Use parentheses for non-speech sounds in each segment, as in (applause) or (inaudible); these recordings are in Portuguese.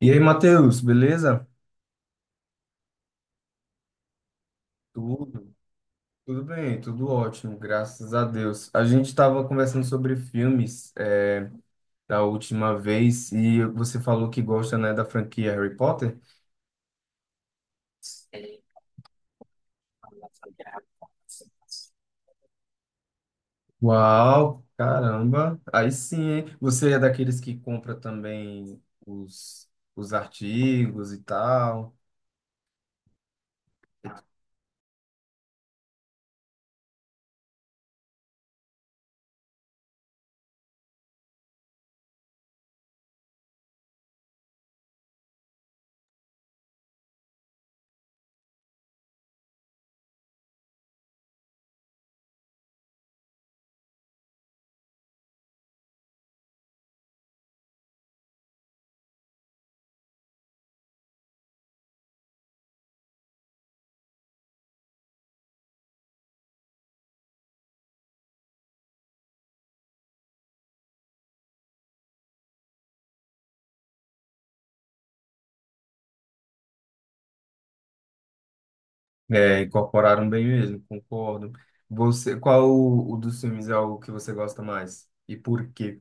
E aí, Matheus, beleza? Tudo, tudo bem, tudo ótimo, graças a Deus. A gente estava conversando sobre filmes da última vez e você falou que gosta, né, da franquia Harry Potter. Uau, caramba, aí sim, hein? Você é daqueles que compra também os artigos e tal. É, incorporaram bem mesmo, concordo. Você, qual o dos filmes é o que você gosta mais? E por quê?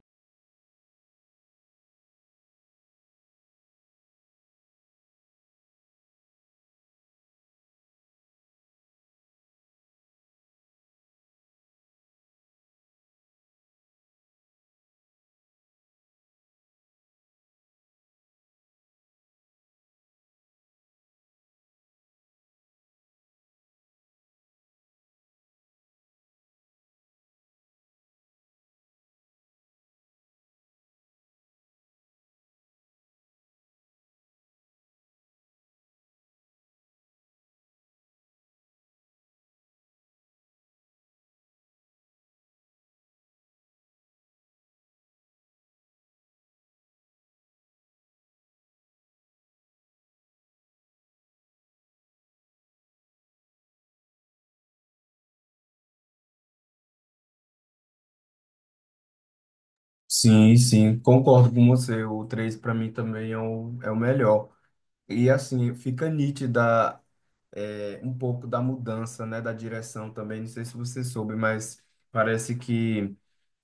Sim, sim, concordo com você. O 3 para mim também é o melhor. E assim, fica nítida um pouco da mudança, né, da direção também. Não sei se você soube, mas parece que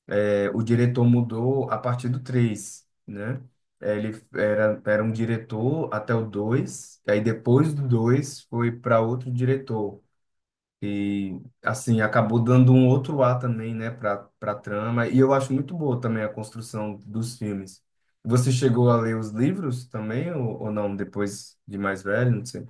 o diretor mudou a partir do três, né? Ele era um diretor até o dois, aí depois do 2 foi para outro diretor. E, assim, acabou dando um outro ar também, né, para trama. E eu acho muito boa também a construção dos filmes. Você chegou a ler os livros também, ou não, depois de mais velho? Não sei.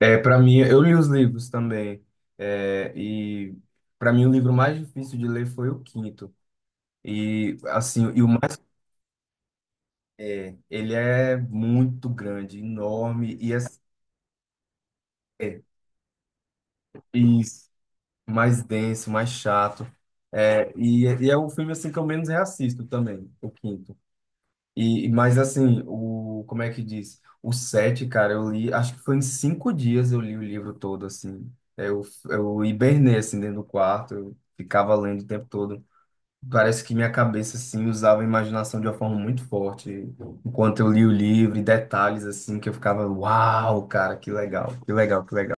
É, para mim, eu li os livros também. É, e para mim, o livro mais difícil de ler foi o quinto. E, assim, e o mais. É, ele é muito grande, enorme, e é isso. Mais denso, mais chato. É, e é o filme assim que eu menos reassisto também, o quinto. Mas assim, o como é que diz? O sete, cara, eu li, acho que foi em 5 dias eu li o livro todo assim. Eu, eu hibernei assim dentro do quarto, eu ficava lendo o tempo todo. Parece que minha cabeça assim usava a imaginação de uma forma muito forte enquanto eu li o livro e detalhes assim que eu ficava, uau, cara, que legal, que legal, que legal.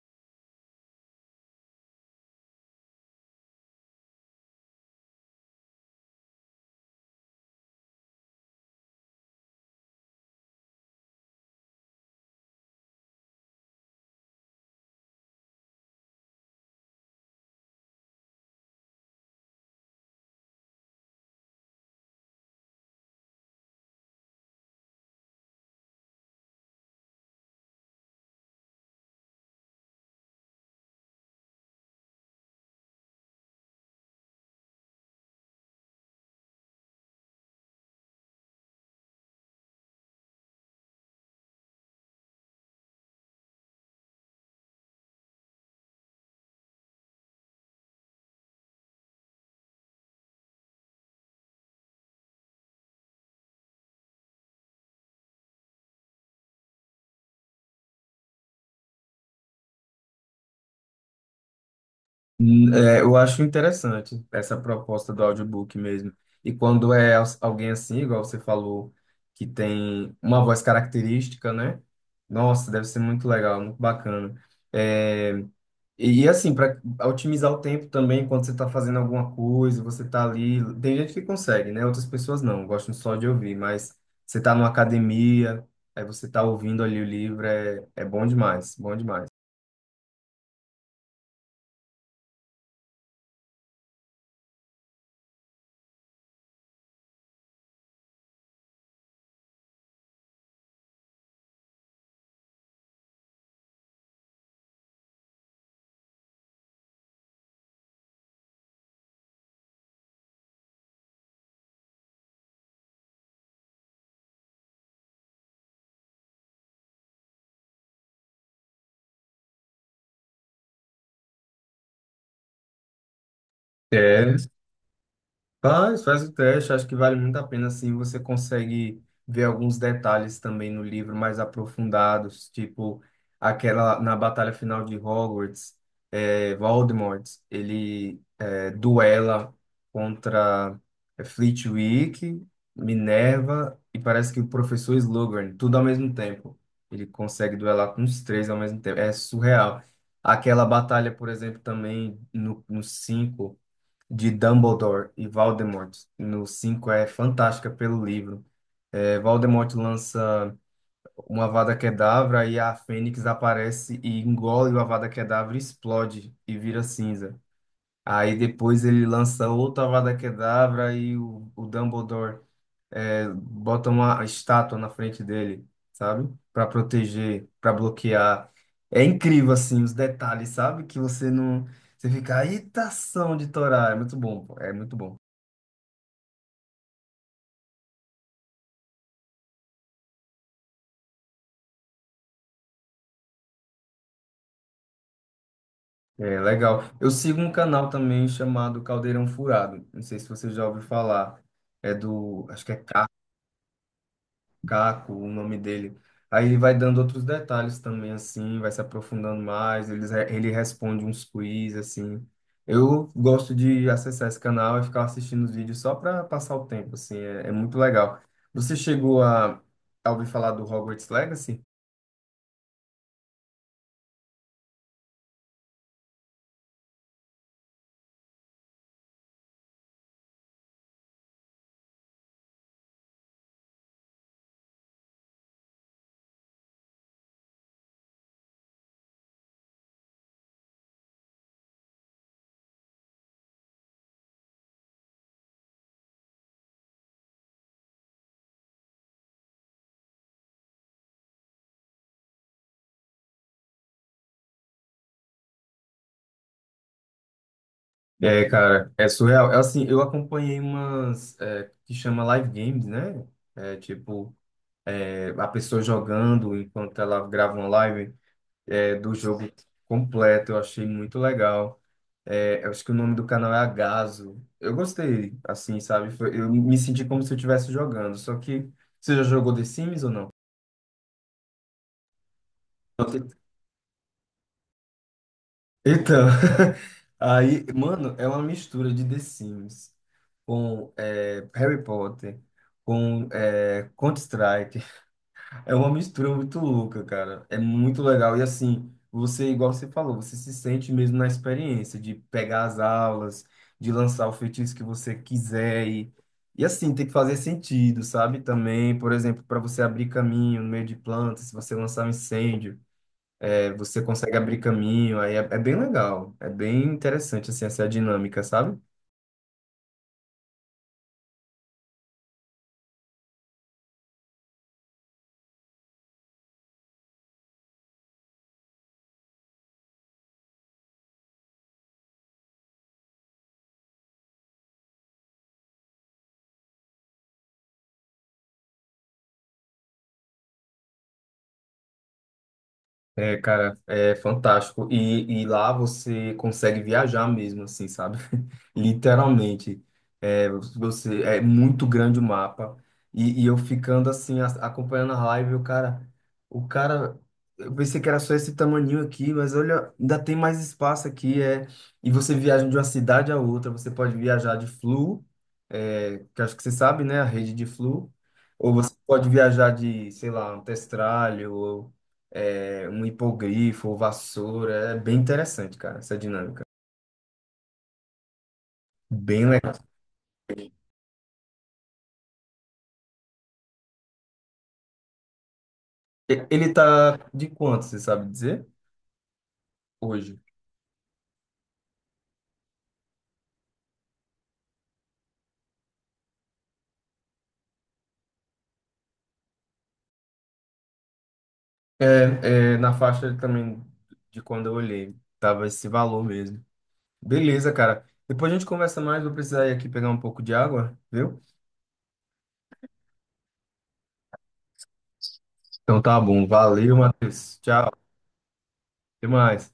Eu acho interessante essa proposta do audiobook mesmo. E quando é alguém assim, igual você falou, que tem uma voz característica, né? Nossa, deve ser muito legal, muito bacana. É, e assim, para otimizar o tempo também, quando você está fazendo alguma coisa, você está ali. Tem gente que consegue, né? Outras pessoas não, gostam só de ouvir, mas você está numa academia, aí você está ouvindo ali o livro, é bom demais, bom demais. É. Faz, faz o teste, acho que vale muito a pena, assim, você consegue ver alguns detalhes também no livro mais aprofundados, tipo aquela na batalha final de Hogwarts, é Voldemort, ele duela contra Flitwick, Minerva e parece que o professor Slughorn, tudo ao mesmo tempo. Ele consegue duelar com os três ao mesmo tempo, é surreal. Aquela batalha, por exemplo, também no 5 de Dumbledore e Voldemort no 5 é fantástica pelo livro. É, Voldemort lança uma Avada Kedavra e a Fênix aparece e engole o Avada Kedavra, e explode e vira cinza. Aí depois ele lança outra Avada Kedavra e o Dumbledore bota uma estátua na frente dele, sabe? Para proteger, para bloquear. É incrível assim os detalhes, sabe? Que você não, você fica, eita ação de Torá, é muito bom, pô, é muito bom. É, legal. Eu sigo um canal também chamado Caldeirão Furado. Não sei se você já ouviu falar. É do, acho que é Caco, o nome dele. Aí ele vai dando outros detalhes também, assim, vai se aprofundando mais. Ele responde uns quiz, assim. Eu gosto de acessar esse canal e ficar assistindo os vídeos só para passar o tempo, assim. É, muito legal. Você chegou a, ouvir falar do Hogwarts Legacy? É, cara, é surreal. É assim, eu acompanhei umas que chama live games, né? É tipo, a pessoa jogando enquanto ela grava uma live do jogo completo. Eu achei muito legal. É, eu acho que o nome do canal é Agazo. Eu gostei, assim, sabe? Eu me senti como se eu estivesse jogando. Só que você já jogou The Sims ou não? Então, (laughs) aí, mano, é uma mistura de The Sims com Harry Potter, com Counter-Strike. É uma mistura muito louca, cara. É muito legal. E assim, você, igual você falou, você se sente mesmo na experiência de pegar as aulas, de lançar o feitiço que você quiser. E assim, tem que fazer sentido, sabe? Também, por exemplo, para você abrir caminho no meio de plantas, se você lançar um incêndio você consegue abrir caminho, aí é bem legal, é bem interessante, assim, essa dinâmica, sabe? É, cara, é fantástico. E lá você consegue viajar mesmo, assim, sabe? (laughs) Literalmente. É, você, é muito grande o mapa. E eu ficando assim, acompanhando a live, o cara, eu pensei que era só esse tamaninho aqui, mas olha, ainda tem mais espaço aqui. É, e você viaja de uma cidade a outra, você pode viajar de Flu, que acho que você sabe, né? A rede de Flu. Ou você pode viajar de, sei lá, um testralho, um hipogrifo, vassoura. É bem interessante, cara, essa dinâmica. Bem legal. Ele tá de quanto, você sabe dizer? Hoje. É, na faixa também de quando eu olhei. Tava esse valor mesmo. Beleza, cara. Depois a gente conversa mais. Vou precisar ir aqui pegar um pouco de água, viu? Então tá bom. Valeu, Matheus. Tchau. Até mais.